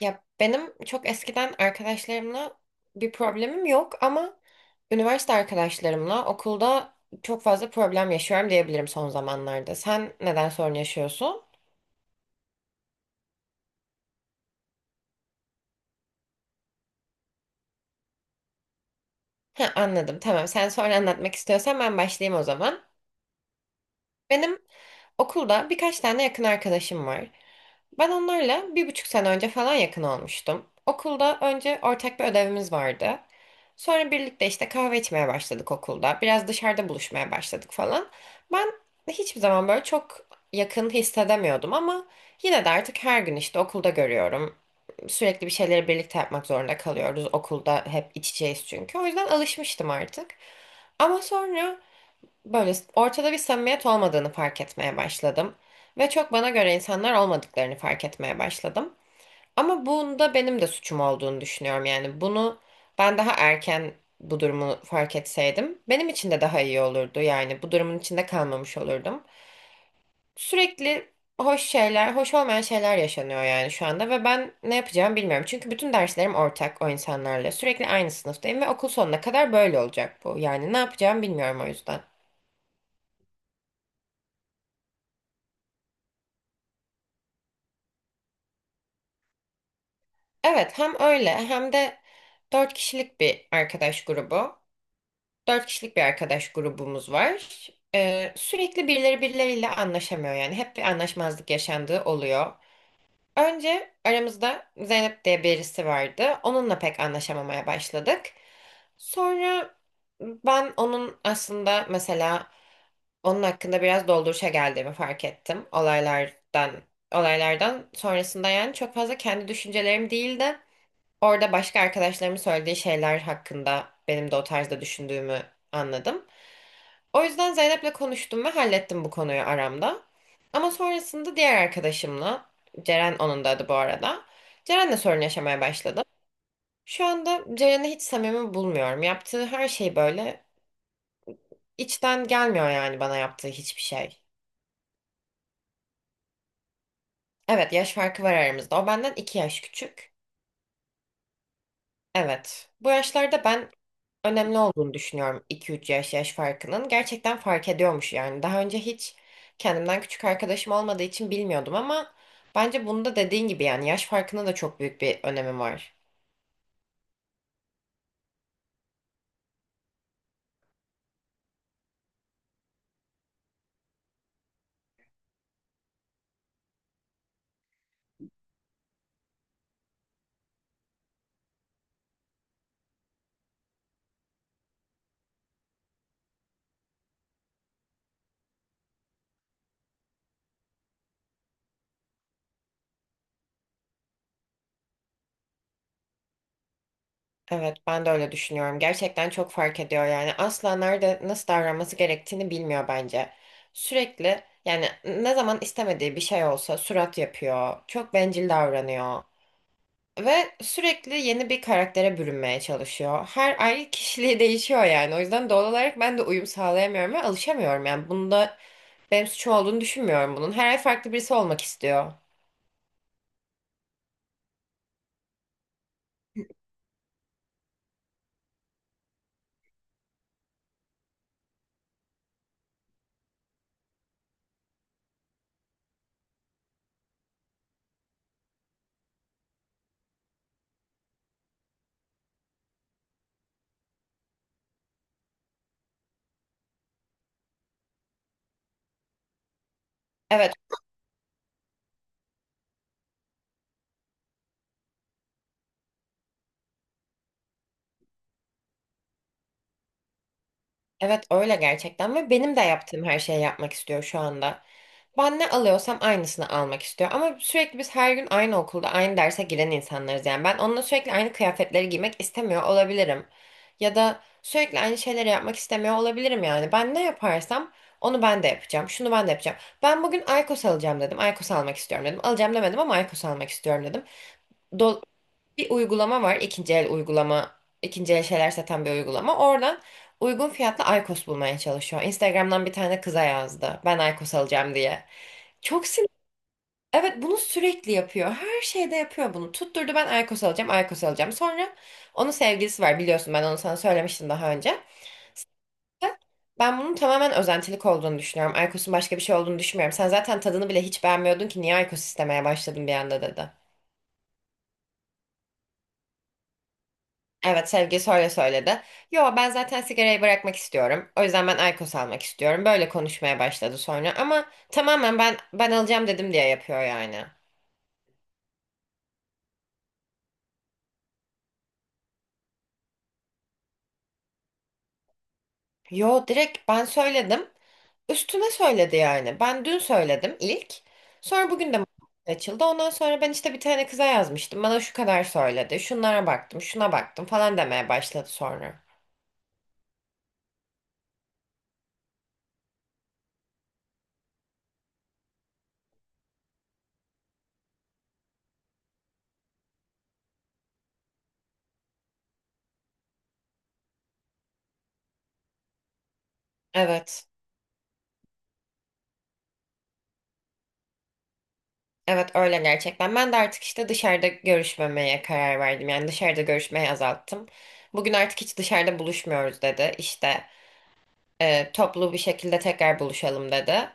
Ya benim çok eskiden arkadaşlarımla bir problemim yok ama üniversite arkadaşlarımla okulda çok fazla problem yaşıyorum diyebilirim son zamanlarda. Sen neden sorun yaşıyorsun? Ha, anladım. Tamam. Sen sonra anlatmak istiyorsan ben başlayayım o zaman. Benim okulda birkaç tane yakın arkadaşım var. Ben onlarla bir buçuk sene önce falan yakın olmuştum. Okulda önce ortak bir ödevimiz vardı. Sonra birlikte işte kahve içmeye başladık okulda. Biraz dışarıda buluşmaya başladık falan. Ben hiçbir zaman böyle çok yakın hissedemiyordum ama yine de artık her gün işte okulda görüyorum. Sürekli bir şeyleri birlikte yapmak zorunda kalıyoruz. Okulda hep içeceğiz çünkü. O yüzden alışmıştım artık. Ama sonra böyle ortada bir samimiyet olmadığını fark etmeye başladım. Ve çok bana göre insanlar olmadıklarını fark etmeye başladım. Ama bunda benim de suçum olduğunu düşünüyorum. Yani bunu ben daha erken bu durumu fark etseydim benim için de daha iyi olurdu. Yani bu durumun içinde kalmamış olurdum. Sürekli hoş şeyler, hoş olmayan şeyler yaşanıyor yani şu anda ve ben ne yapacağımı bilmiyorum. Çünkü bütün derslerim ortak o insanlarla. Sürekli aynı sınıftayım ve okul sonuna kadar böyle olacak bu. Yani ne yapacağımı bilmiyorum o yüzden. Evet, hem öyle hem de dört kişilik bir arkadaş grubu. Dört kişilik bir arkadaş grubumuz var. Sürekli birileri birileriyle anlaşamıyor yani. Hep bir anlaşmazlık yaşandığı oluyor. Önce aramızda Zeynep diye birisi vardı. Onunla pek anlaşamamaya başladık. Sonra ben onun aslında mesela onun hakkında biraz dolduruşa geldiğimi fark ettim. Olaylardan sonrasında yani çok fazla kendi düşüncelerim değildi. Orada başka arkadaşlarımın söylediği şeyler hakkında benim de o tarzda düşündüğümü anladım. O yüzden Zeynep'le konuştum ve hallettim bu konuyu aramda. Ama sonrasında diğer arkadaşımla, Ceren onun da adı bu arada. Ceren'le sorun yaşamaya başladım. Şu anda Ceren'i hiç samimi bulmuyorum. Yaptığı her şey böyle içten gelmiyor yani bana yaptığı hiçbir şey. Evet yaş farkı var aramızda. O benden iki yaş küçük. Evet. Bu yaşlarda ben önemli olduğunu düşünüyorum 2-3 yaş farkının. Gerçekten fark ediyormuş yani. Daha önce hiç kendimden küçük arkadaşım olmadığı için bilmiyordum ama bence bunda dediğin gibi yani yaş farkına da çok büyük bir önemi var. Evet, ben de öyle düşünüyorum. Gerçekten çok fark ediyor yani. Asla nerede nasıl davranması gerektiğini bilmiyor bence. Sürekli yani ne zaman istemediği bir şey olsa surat yapıyor. Çok bencil davranıyor. Ve sürekli yeni bir karaktere bürünmeye çalışıyor. Her ay kişiliği değişiyor yani. O yüzden doğal olarak ben de uyum sağlayamıyorum ve alışamıyorum. Yani bunda benim suçum olduğunu düşünmüyorum bunun. Her ay farklı birisi olmak istiyor. Evet, evet öyle gerçekten ve benim de yaptığım her şeyi yapmak istiyor şu anda. Ben ne alıyorsam aynısını almak istiyor. Ama sürekli biz her gün aynı okulda aynı derse giren insanlarız yani. Ben onunla sürekli aynı kıyafetleri giymek istemiyor olabilirim. Ya da sürekli aynı şeyleri yapmak istemiyor olabilirim yani. Ben ne yaparsam onu ben de yapacağım. Şunu ben de yapacağım. Ben bugün Aykos alacağım dedim. Aykos almak istiyorum dedim. Alacağım demedim ama Aykos almak istiyorum dedim, do- bir uygulama var. İkinci el uygulama, ikinci el şeyler satan bir uygulama. Oradan uygun fiyatlı Aykos bulmaya çalışıyor. Instagram'dan bir tane kıza yazdı. Ben Aykos alacağım diye. Çok sinir. Evet bunu sürekli yapıyor. Her şeyde yapıyor bunu. Tutturdu ben Aykos alacağım, Aykos alacağım. Sonra onun sevgilisi var biliyorsun ben onu sana söylemiştim daha önce. Ben bunun tamamen özentilik olduğunu düşünüyorum. Aykos'un başka bir şey olduğunu düşünmüyorum. Sen zaten tadını bile hiç beğenmiyordun ki niye Aykos istemeye başladın bir anda dedi. Evet sevgilisi öyle söyledi. Yo ben zaten sigarayı bırakmak istiyorum. O yüzden ben IQOS almak istiyorum. Böyle konuşmaya başladı sonra ama tamamen ben alacağım dedim diye yapıyor yani. Yo direkt ben söyledim. Üstüne söyledi yani. Ben dün söyledim ilk. Sonra bugün de açıldı. Ondan sonra ben işte bir tane kıza yazmıştım. Bana şu kadar söyledi. Şunlara baktım, şuna baktım falan demeye başladı sonra. Evet. Evet öyle gerçekten. Ben de artık işte dışarıda görüşmemeye karar verdim. Yani dışarıda görüşmeyi azalttım. Bugün artık hiç dışarıda buluşmuyoruz dedi. İşte toplu bir şekilde tekrar buluşalım dedi.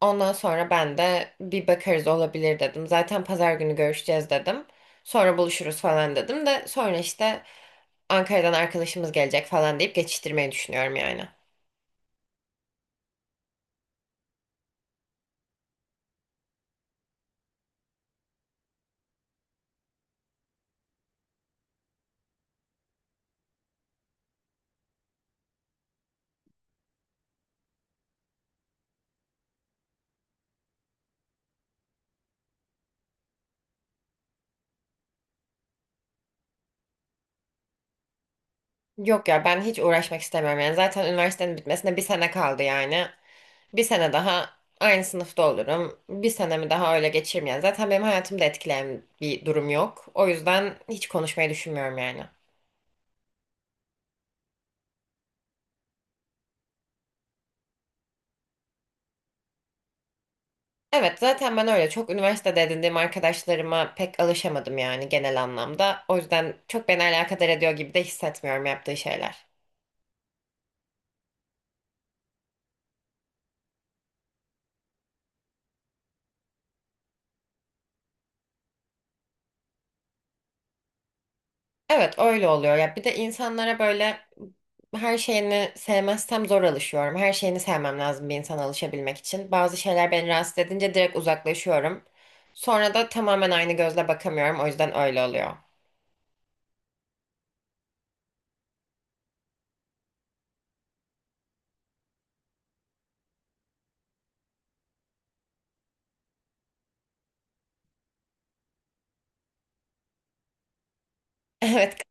Ondan sonra ben de bir bakarız olabilir dedim. Zaten pazar günü görüşeceğiz dedim. Sonra buluşuruz falan dedim de sonra işte Ankara'dan arkadaşımız gelecek falan deyip geçiştirmeyi düşünüyorum yani. Yok ya ben hiç uğraşmak istemiyorum yani. Zaten üniversitenin bitmesine bir sene kaldı yani. Bir sene daha aynı sınıfta olurum. Bir senemi daha öyle geçiririm yani. Zaten benim hayatımda etkileyen bir durum yok. O yüzden hiç konuşmayı düşünmüyorum yani. Evet zaten ben öyle çok üniversitede edindiğim arkadaşlarıma pek alışamadım yani genel anlamda. O yüzden çok beni alakadar ediyor gibi de hissetmiyorum yaptığı şeyler. Evet öyle oluyor. Ya bir de insanlara böyle her şeyini sevmezsem zor alışıyorum. Her şeyini sevmem lazım bir insana alışabilmek için. Bazı şeyler beni rahatsız edince direkt uzaklaşıyorum. Sonra da tamamen aynı gözle bakamıyorum. O yüzden öyle oluyor. Evet,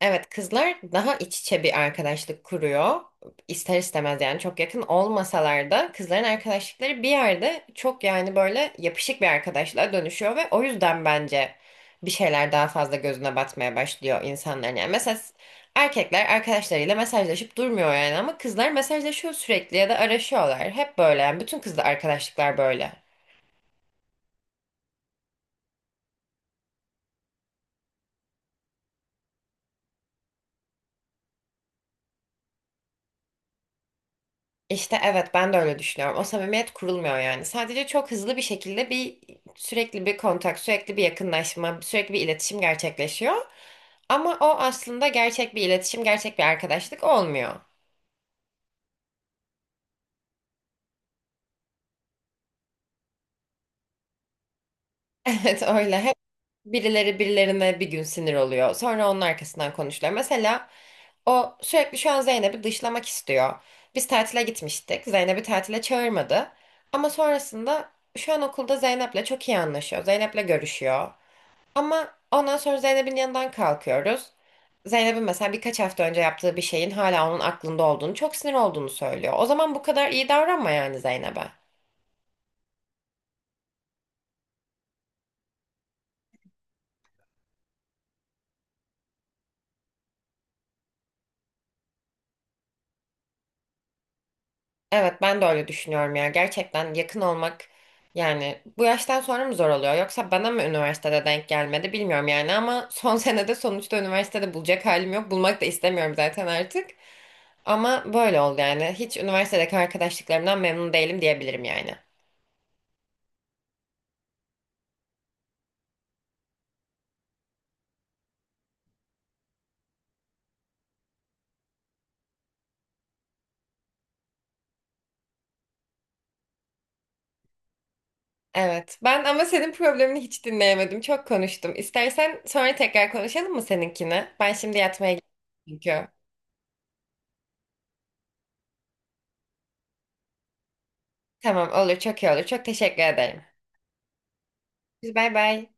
evet kızlar daha iç içe bir arkadaşlık kuruyor. İster istemez yani çok yakın olmasalar da kızların arkadaşlıkları bir yerde çok yani böyle yapışık bir arkadaşlığa dönüşüyor ve o yüzden bence bir şeyler daha fazla gözüne batmaya başlıyor insanların. Yani mesela erkekler arkadaşlarıyla mesajlaşıp durmuyor yani ama kızlar mesajlaşıyor sürekli ya da araşıyorlar. Hep böyle yani bütün kızla arkadaşlıklar böyle. İşte evet ben de öyle düşünüyorum. O samimiyet kurulmuyor yani. Sadece çok hızlı bir şekilde sürekli bir kontak, sürekli bir yakınlaşma, sürekli bir iletişim gerçekleşiyor. Ama o aslında gerçek bir iletişim, gerçek bir arkadaşlık olmuyor. Evet öyle. Hep birileri birilerine bir gün sinir oluyor. Sonra onun arkasından konuşuyor. Mesela o sürekli şu an Zeynep'i dışlamak istiyor. Biz tatile gitmiştik. Zeynep'i tatile çağırmadı. Ama sonrasında şu an okulda Zeynep'le çok iyi anlaşıyor. Zeynep'le görüşüyor. Ama ondan sonra Zeynep'in yanından kalkıyoruz. Zeynep'in mesela birkaç hafta önce yaptığı bir şeyin hala onun aklında olduğunu, çok sinir olduğunu söylüyor. O zaman bu kadar iyi davranma yani Zeynep'e. Evet ben de öyle düşünüyorum ya. Gerçekten yakın olmak yani bu yaştan sonra mı zor oluyor? Yoksa bana mı üniversitede denk gelmedi bilmiyorum yani ama son senede sonuçta üniversitede bulacak halim yok. Bulmak da istemiyorum zaten artık. Ama böyle oldu yani. Hiç üniversitedeki arkadaşlıklarımdan memnun değilim diyebilirim yani. Evet. Ben ama senin problemini hiç dinleyemedim. Çok konuştum. İstersen sonra tekrar konuşalım mı seninkini? Ben şimdi yatmaya gidiyorum çünkü. Tamam olur. Çok iyi olur. Çok teşekkür ederim. Biz bay bay.